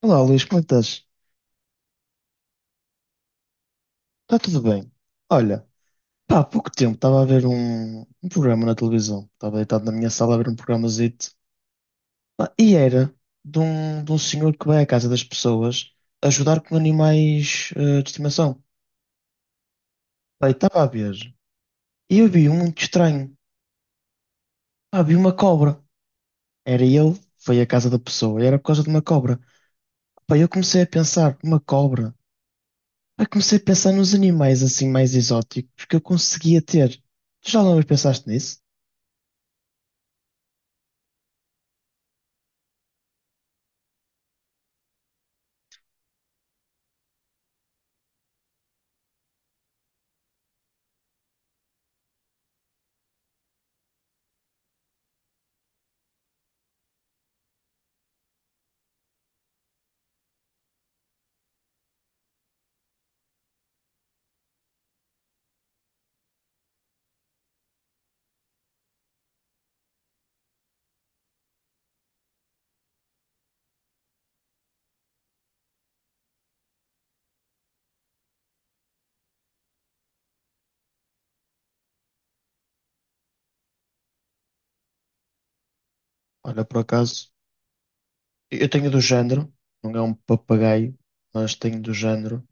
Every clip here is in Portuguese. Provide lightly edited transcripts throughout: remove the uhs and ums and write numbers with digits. Olá, Luís, como é que estás? Está tudo bem? Olha, pá, há pouco tempo estava a ver um programa na televisão. Estava deitado na minha sala a ver um programazito. Pá, e era de um senhor que vai à casa das pessoas ajudar com animais de estimação. Pá, e estava a ver. E eu vi um muito estranho. Pá, vi uma cobra. Era ele, foi à casa da pessoa e era por causa de uma cobra. Pá, eu comecei a pensar, uma cobra. Pá, comecei a pensar nos animais assim mais exóticos que eu conseguia ter. Tu já alguma vez pensaste nisso? Olha, por acaso, eu tenho do género, não é um papagaio, mas tenho do género.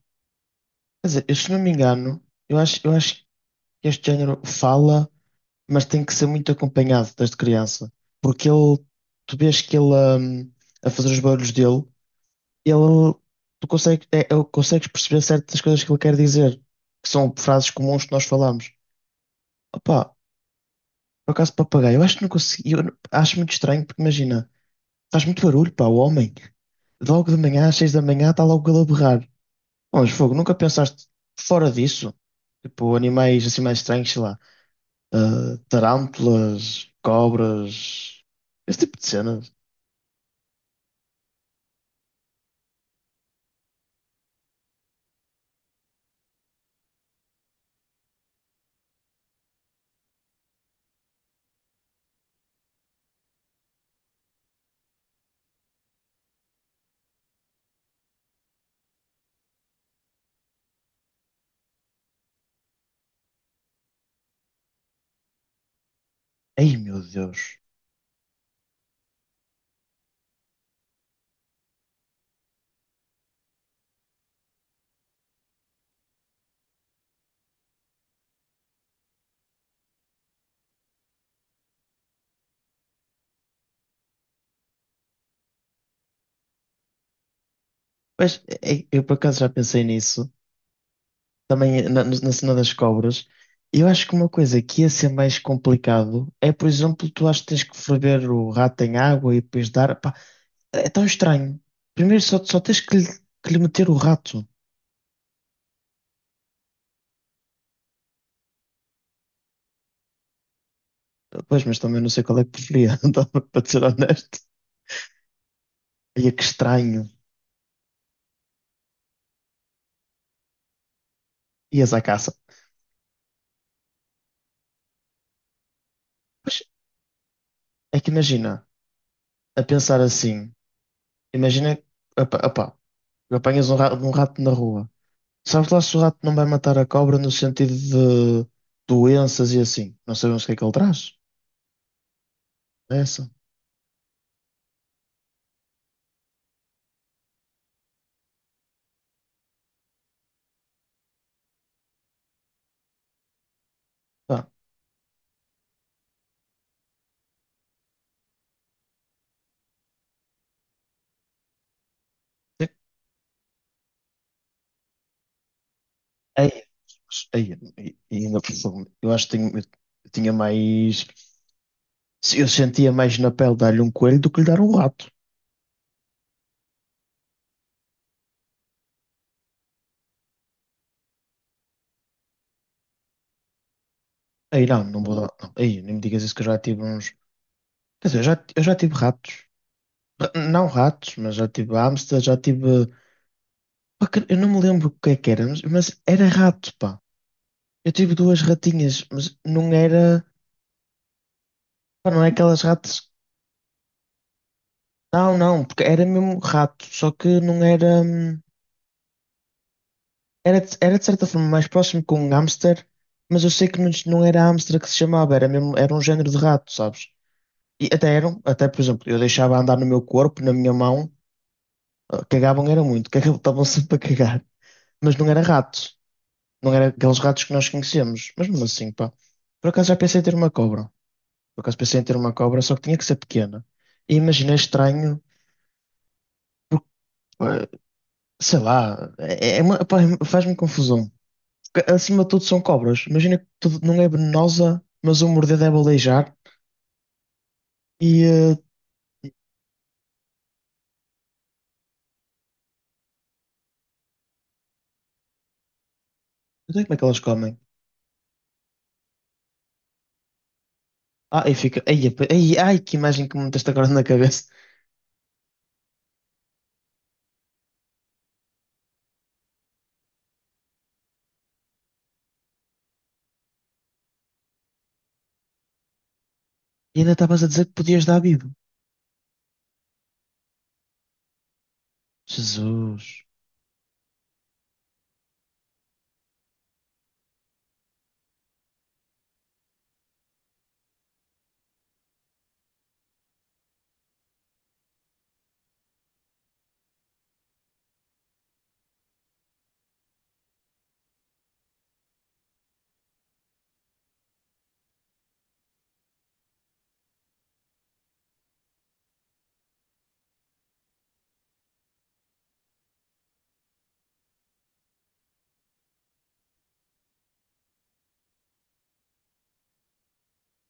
Quer dizer, eu, se não me engano, eu acho que este género fala, mas tem que ser muito acompanhado desde criança. Porque ele, tu vês que ele, hum, a fazer os barulhos dele, ele, tu consegue, é, é- consegues perceber certas coisas que ele quer dizer, que são frases comuns que nós falamos. Opa, por acaso, papagaio, eu acho que não consigo, eu não- acho muito estranho, porque imagina. Faz muito barulho, pá, o homem. Logo de manhã, às 6 da manhã, está logo ele a berrar. Pô, mas fogo, nunca pensaste fora disso? Tipo, animais assim mais estranhos, sei lá. Tarântulas, cobras, esse tipo de cenas. Ei, meu Deus. Mas ei, eu por acaso já pensei nisso. Também na cena das cobras. Eu acho que uma coisa que ia ser mais complicado é, por exemplo, tu acho que tens que ferver o rato em água e depois dar. Pá, é tão estranho. Primeiro só tens que lhe meter o rato. Pois, mas também não sei qual é que preferia, então, para ser honesto. Ia que estranho. Ias à caça. Mas é que imagina, a pensar assim, imagina, opa, apanhas um rato na rua. Sabes lá se o rato não vai matar a cobra no sentido de doenças e assim. Não sabemos o que é que ele traz. É essa. Pá. Aí, aí, ainda, por cima, eu acho que tenho- eu tinha mais. Se eu sentia mais na pele dar-lhe um coelho do que lhe dar um rato. Aí não, não vou dar. Não. Aí nem me digas isso que eu já tive uns. Quer dizer, eu já tive ratos. Não ratos, mas já tive hamster, já tive. Pá, eu não me lembro o que é que era, mas era rato, pá. Eu tive duas ratinhas, mas não era. Pá, não é aquelas ratas. Não, não, porque era mesmo rato, só que não era. Era, era de certa forma mais próximo com um hamster, mas eu sei que não era hamster que se chamava, era mesmo, era um género de rato, sabes? E até eram, até por exemplo, eu deixava andar no meu corpo, na minha mão, cagavam era muito, cagavam, estavam sempre a cagar, mas não era rato, não era aqueles ratos que nós conhecemos, mas mesmo assim, pá. Por acaso já pensei em ter uma cobra, por acaso pensei em ter uma cobra, só que tinha que ser pequena. E imaginei estranho, porque, pá, sei lá, pá, faz-me confusão. Porque, acima de tudo são cobras, imagina que tudo, não é venenosa, mas o morder deve aleijar, e não sei como é que elas comem. Ah, e fica, ai, ai, que imagem que me meteste agora na cabeça. E ainda estavas a dizer que podias dar bibo. Jesus.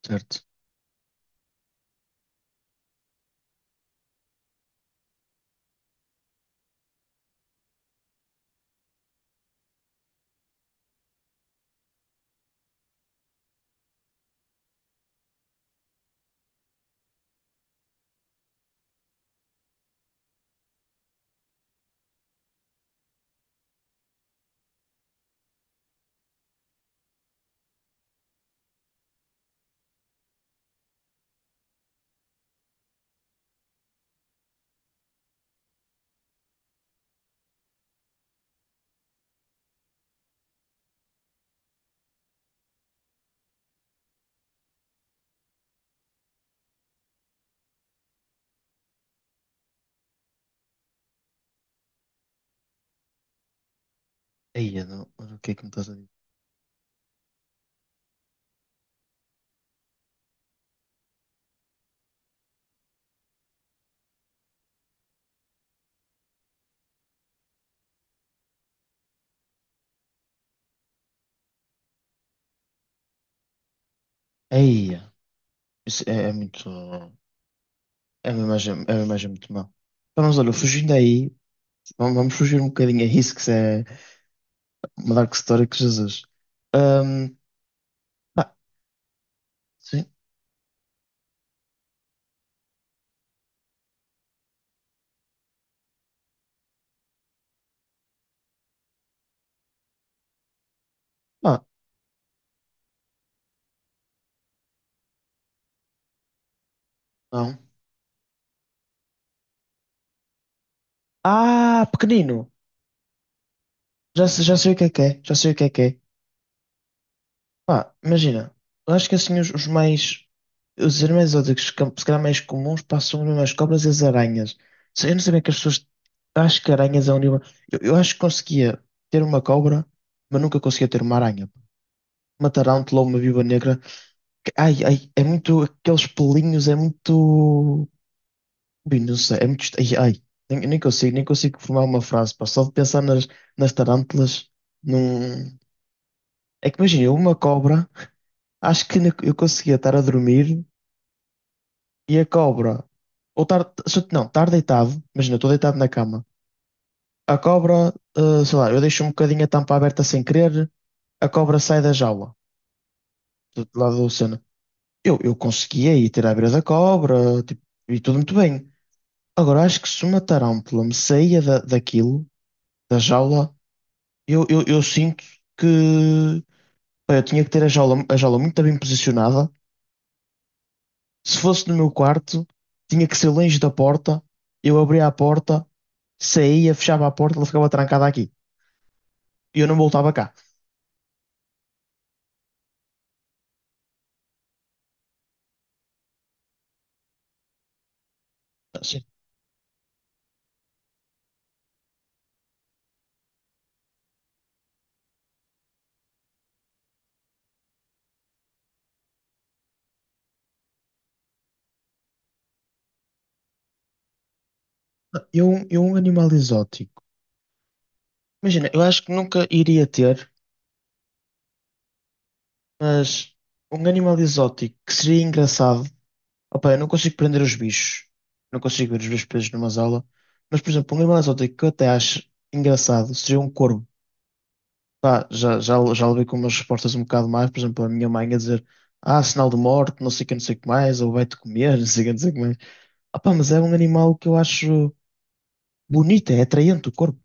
Certo. Eia, não. Olha, o que é que me estás a dizer? Eia. Isso é, é muito. É uma imagem muito má. Então, mas olha, fugindo aí, vamos fugir um bocadinho a isso, que isso é uma dark story que Jesus. Ahm, Pá, sim. Ah, não. Ah, pequenino. Já, já sei o que é que é. Já sei o que é que é. Pá, imagina, eu acho que assim os os animais exóticos, que se calhar mais comuns, passam mesmo as cobras e as aranhas. Eu não sabia que as pessoas, acho que aranhas é um nível, eu acho que conseguia ter uma cobra, mas nunca conseguia ter uma aranha. Uma tarântula ou uma viúva negra, ai, ai, é muito, aqueles pelinhos, é muito. Ui, não sei, é muito, ai, ai, nem consigo formar uma frase, pá, só de pensar nas tarântulas, não. É que imagina, uma cobra, acho que eu conseguia estar a dormir e a cobra. Ou estar. Não, estar deitado. Imagina, eu estou deitado na cama. A cobra, sei lá, eu deixo um bocadinho a tampa aberta sem querer, a cobra sai da jaula, do lado da cena. Eu conseguia ir ter à beira da cobra, tipo, e tudo muito bem. Agora, acho que se uma tarântula me saía da, daquilo, da jaula, eu sinto que. Pá, eu tinha que ter a jaula muito bem posicionada. Se fosse no meu quarto, tinha que ser longe da porta. Eu abria a porta, saía, fechava a porta, ela ficava trancada aqui. E eu não voltava cá. Sim. Eu, um animal exótico. Imagina, eu acho que nunca iria ter, mas um animal exótico que seria engraçado. Opa, eu não consigo prender os bichos. Não consigo ver os bichos presos numa jaula. Mas, por exemplo, um animal exótico que eu até acho engraçado seria um corvo. Pá, já levei com umas respostas um bocado mais, por exemplo, a minha mãe a dizer ah, sinal de morte, não sei o que, não sei o que mais, ou vai-te comer, não sei o que, não sei o que mais. Ah, pá, mas é um animal que eu acho bonito, é atraente o corpo.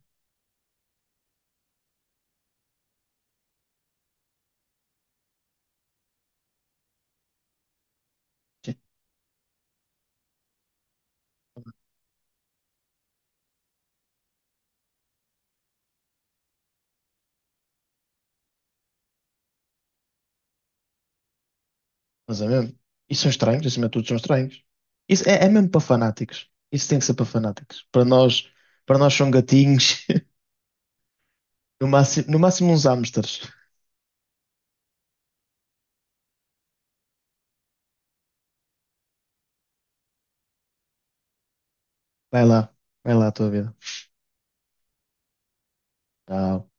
Mas é mesmo. E são estranhos, acima de tudo são estranhos. Isso é, é mesmo para fanáticos. Isso tem que ser para fanáticos. Para nós são gatinhos, no máximo, no máximo uns hamsters. Vai lá, vai lá a tua vida. Tchau.